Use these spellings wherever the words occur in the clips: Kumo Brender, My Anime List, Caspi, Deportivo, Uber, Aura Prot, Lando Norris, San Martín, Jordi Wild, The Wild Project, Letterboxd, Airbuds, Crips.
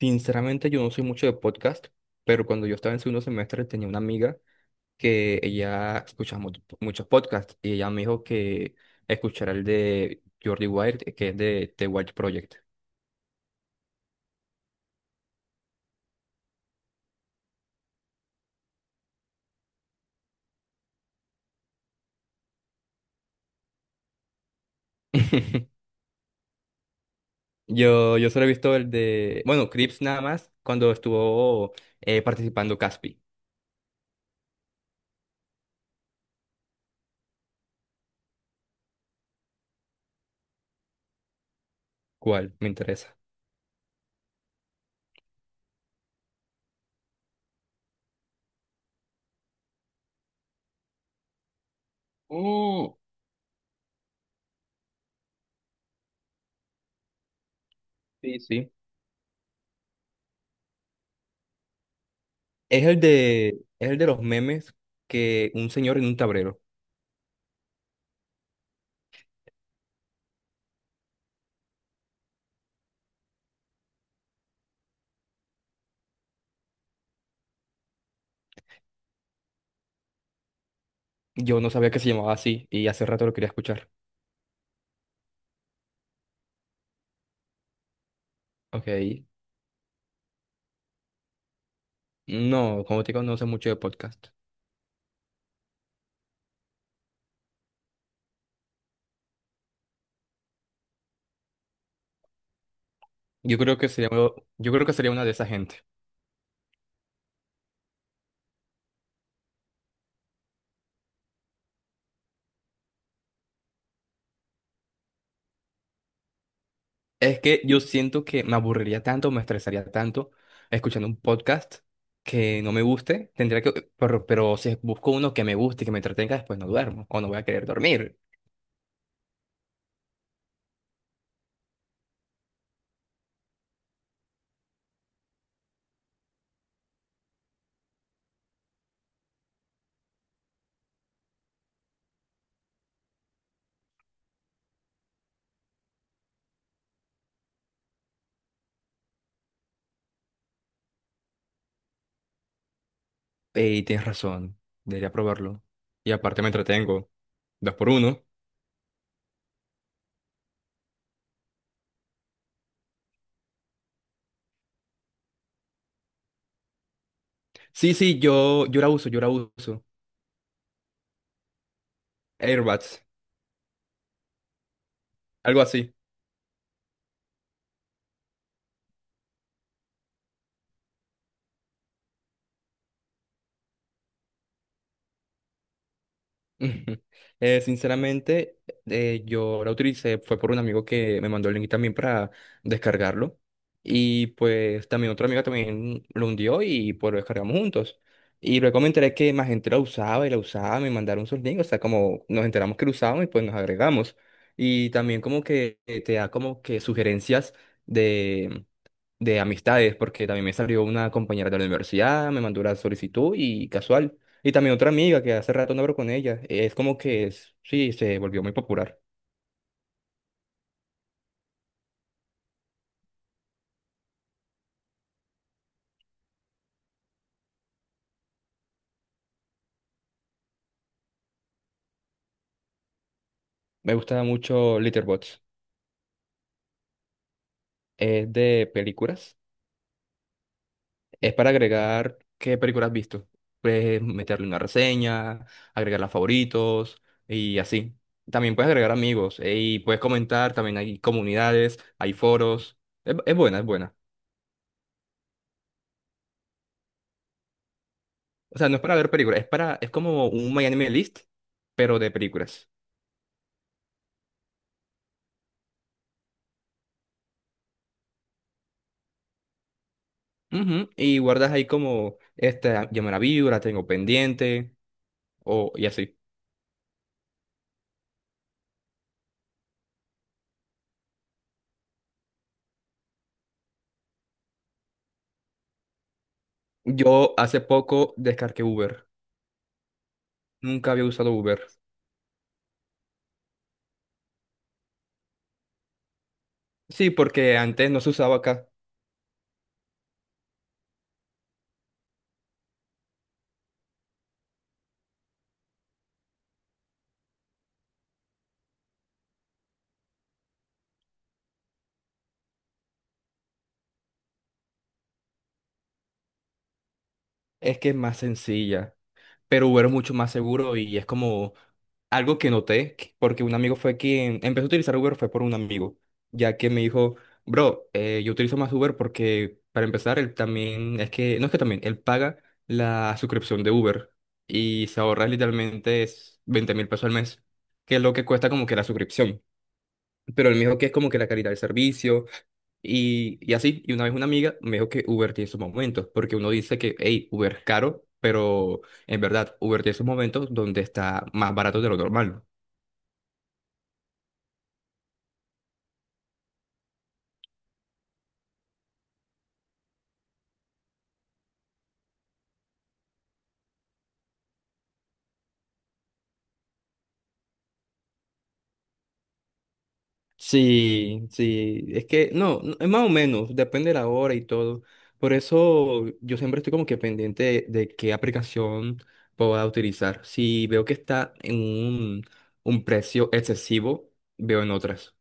Sinceramente, yo no soy mucho de podcast, pero cuando yo estaba en segundo semestre tenía una amiga que ella escuchaba muchos podcasts y ella me dijo que escuchara el de Jordi Wild, que es de The Wild Project. Yo solo he visto el de, bueno, Crips nada más, cuando estuvo participando Caspi. ¿Cuál? Me interesa. Mm, sí, sí. Es el de, es el de los memes que un señor en un tablero. Yo no sabía que se llamaba así y hace rato lo quería escuchar. Ok. No, como te digo, no sé mucho de podcast. Yo creo que sería, yo creo que sería una de esa gente. Es que yo siento que me aburriría tanto, me estresaría tanto escuchando un podcast que no me guste. Tendría que, pero si busco uno que me guste, que me entretenga, después no duermo o no voy a querer dormir. Y tienes razón, debería probarlo. Y aparte me entretengo. Dos por uno. Sí, sí, yo la uso, yo la uso. Airbuds, algo así. Ujú. Sinceramente, yo la utilicé, fue por un amigo que me mandó el link también para descargarlo. Y pues también otro amigo también lo hundió y pues lo descargamos juntos. Y luego me enteré que más gente la usaba y la usaba, me mandaron sus links, o sea, como nos enteramos que lo usaban y pues nos agregamos. Y también como que te da como que sugerencias de de amistades, porque también me salió una compañera de la universidad, me mandó la solicitud y casual. Y también otra amiga que hace rato no hablo con ella. Es como que es, sí, se volvió muy popular. Me gusta mucho Letterboxd. Es de películas. Es para agregar qué películas has visto. Puedes meterle una reseña, agregar las favoritos y así. También puedes agregar amigos y puedes comentar. También hay comunidades, hay foros. Es buena, es buena. O sea, no es para ver películas, es para, es como un My Anime List, pero de películas. Ujú, y guardas ahí como, esta, ya me la vi, la tengo pendiente, o y así. Yo hace poco descargué Uber. Nunca había usado Uber. Sí, porque antes no se usaba acá. Es que es más sencilla. Pero Uber es mucho más seguro y es como algo que noté, que, porque un amigo fue quien empezó a utilizar Uber fue por un amigo, ya que me dijo, bro, yo utilizo más Uber porque para empezar, él también, es que, no es que también, él paga la suscripción de Uber y se ahorra literalmente es 20 mil pesos al mes, que es lo que cuesta como que la suscripción. Pero él me dijo que es como que la calidad del servicio y así, y una vez una amiga me dijo que Uber tiene sus momentos, porque uno dice que, hey, Uber es caro, pero en verdad, Uber tiene sus momentos donde está más barato de lo normal. Sí, sí, es que no, no, es más o menos, depende de la hora y todo. Por eso yo siempre estoy como que pendiente de qué aplicación pueda utilizar. Si veo que está en un precio excesivo, veo en otras.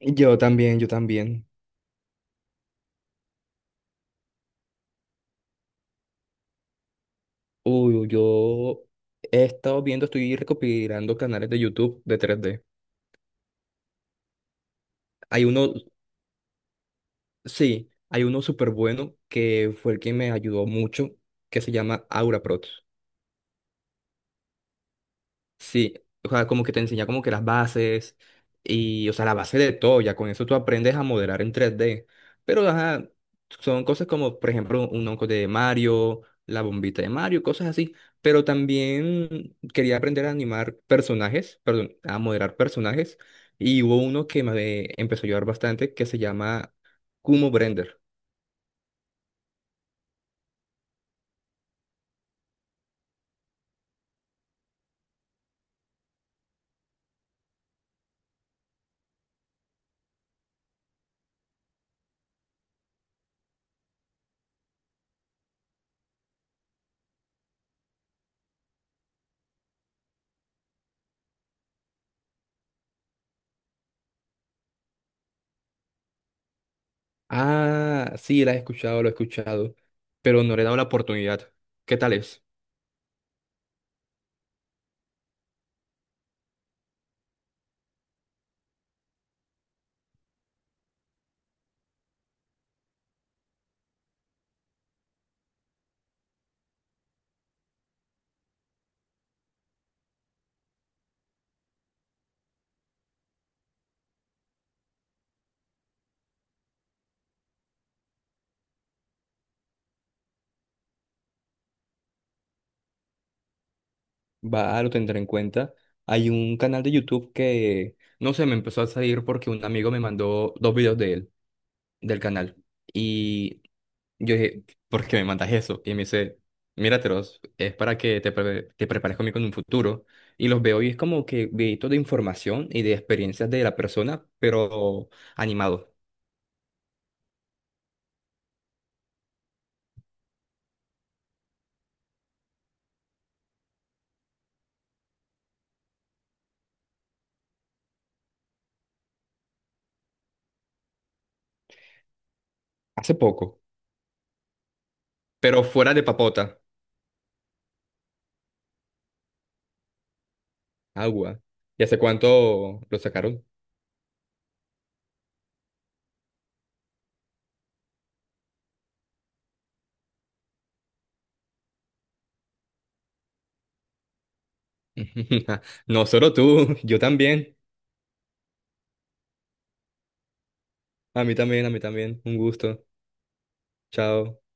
Yo también, yo también. Uy, yo he estado viendo, estoy recopilando canales de YouTube de tres d. Hay uno, sí, hay uno súper bueno que fue el que me ayudó mucho, que se llama Aura Prot. Sí, o sea, como que te enseña como que las bases y, o sea, la base de todo, ya con eso tú aprendes a modelar en tres d. Pero, ajá, son cosas como, por ejemplo, un onco de Mario, la bombita de Mario, cosas así. Pero también quería aprender a animar personajes, perdón, a modelar personajes. Y hubo uno que me empezó a ayudar bastante que se llama Kumo Brender. Ah, sí, la he escuchado, lo he escuchado, pero no le he dado la oportunidad. ¿Qué tal es? Va, lo tendré en cuenta. Hay un canal de YouTube que, no sé, me empezó a salir porque un amigo me mandó dos videos de él, del canal. Y yo dije, ¿por qué me mandas eso? Y me dice, míratelos, es para que te, te prepares conmigo en un futuro. Y los veo y es como que videitos de información y de experiencias de la persona, pero animado. Hace poco, pero fuera de papota, agua. ¿Y hace cuánto lo sacaron? No solo tú, yo también. A mí también, a mí también. Un gusto. Chao.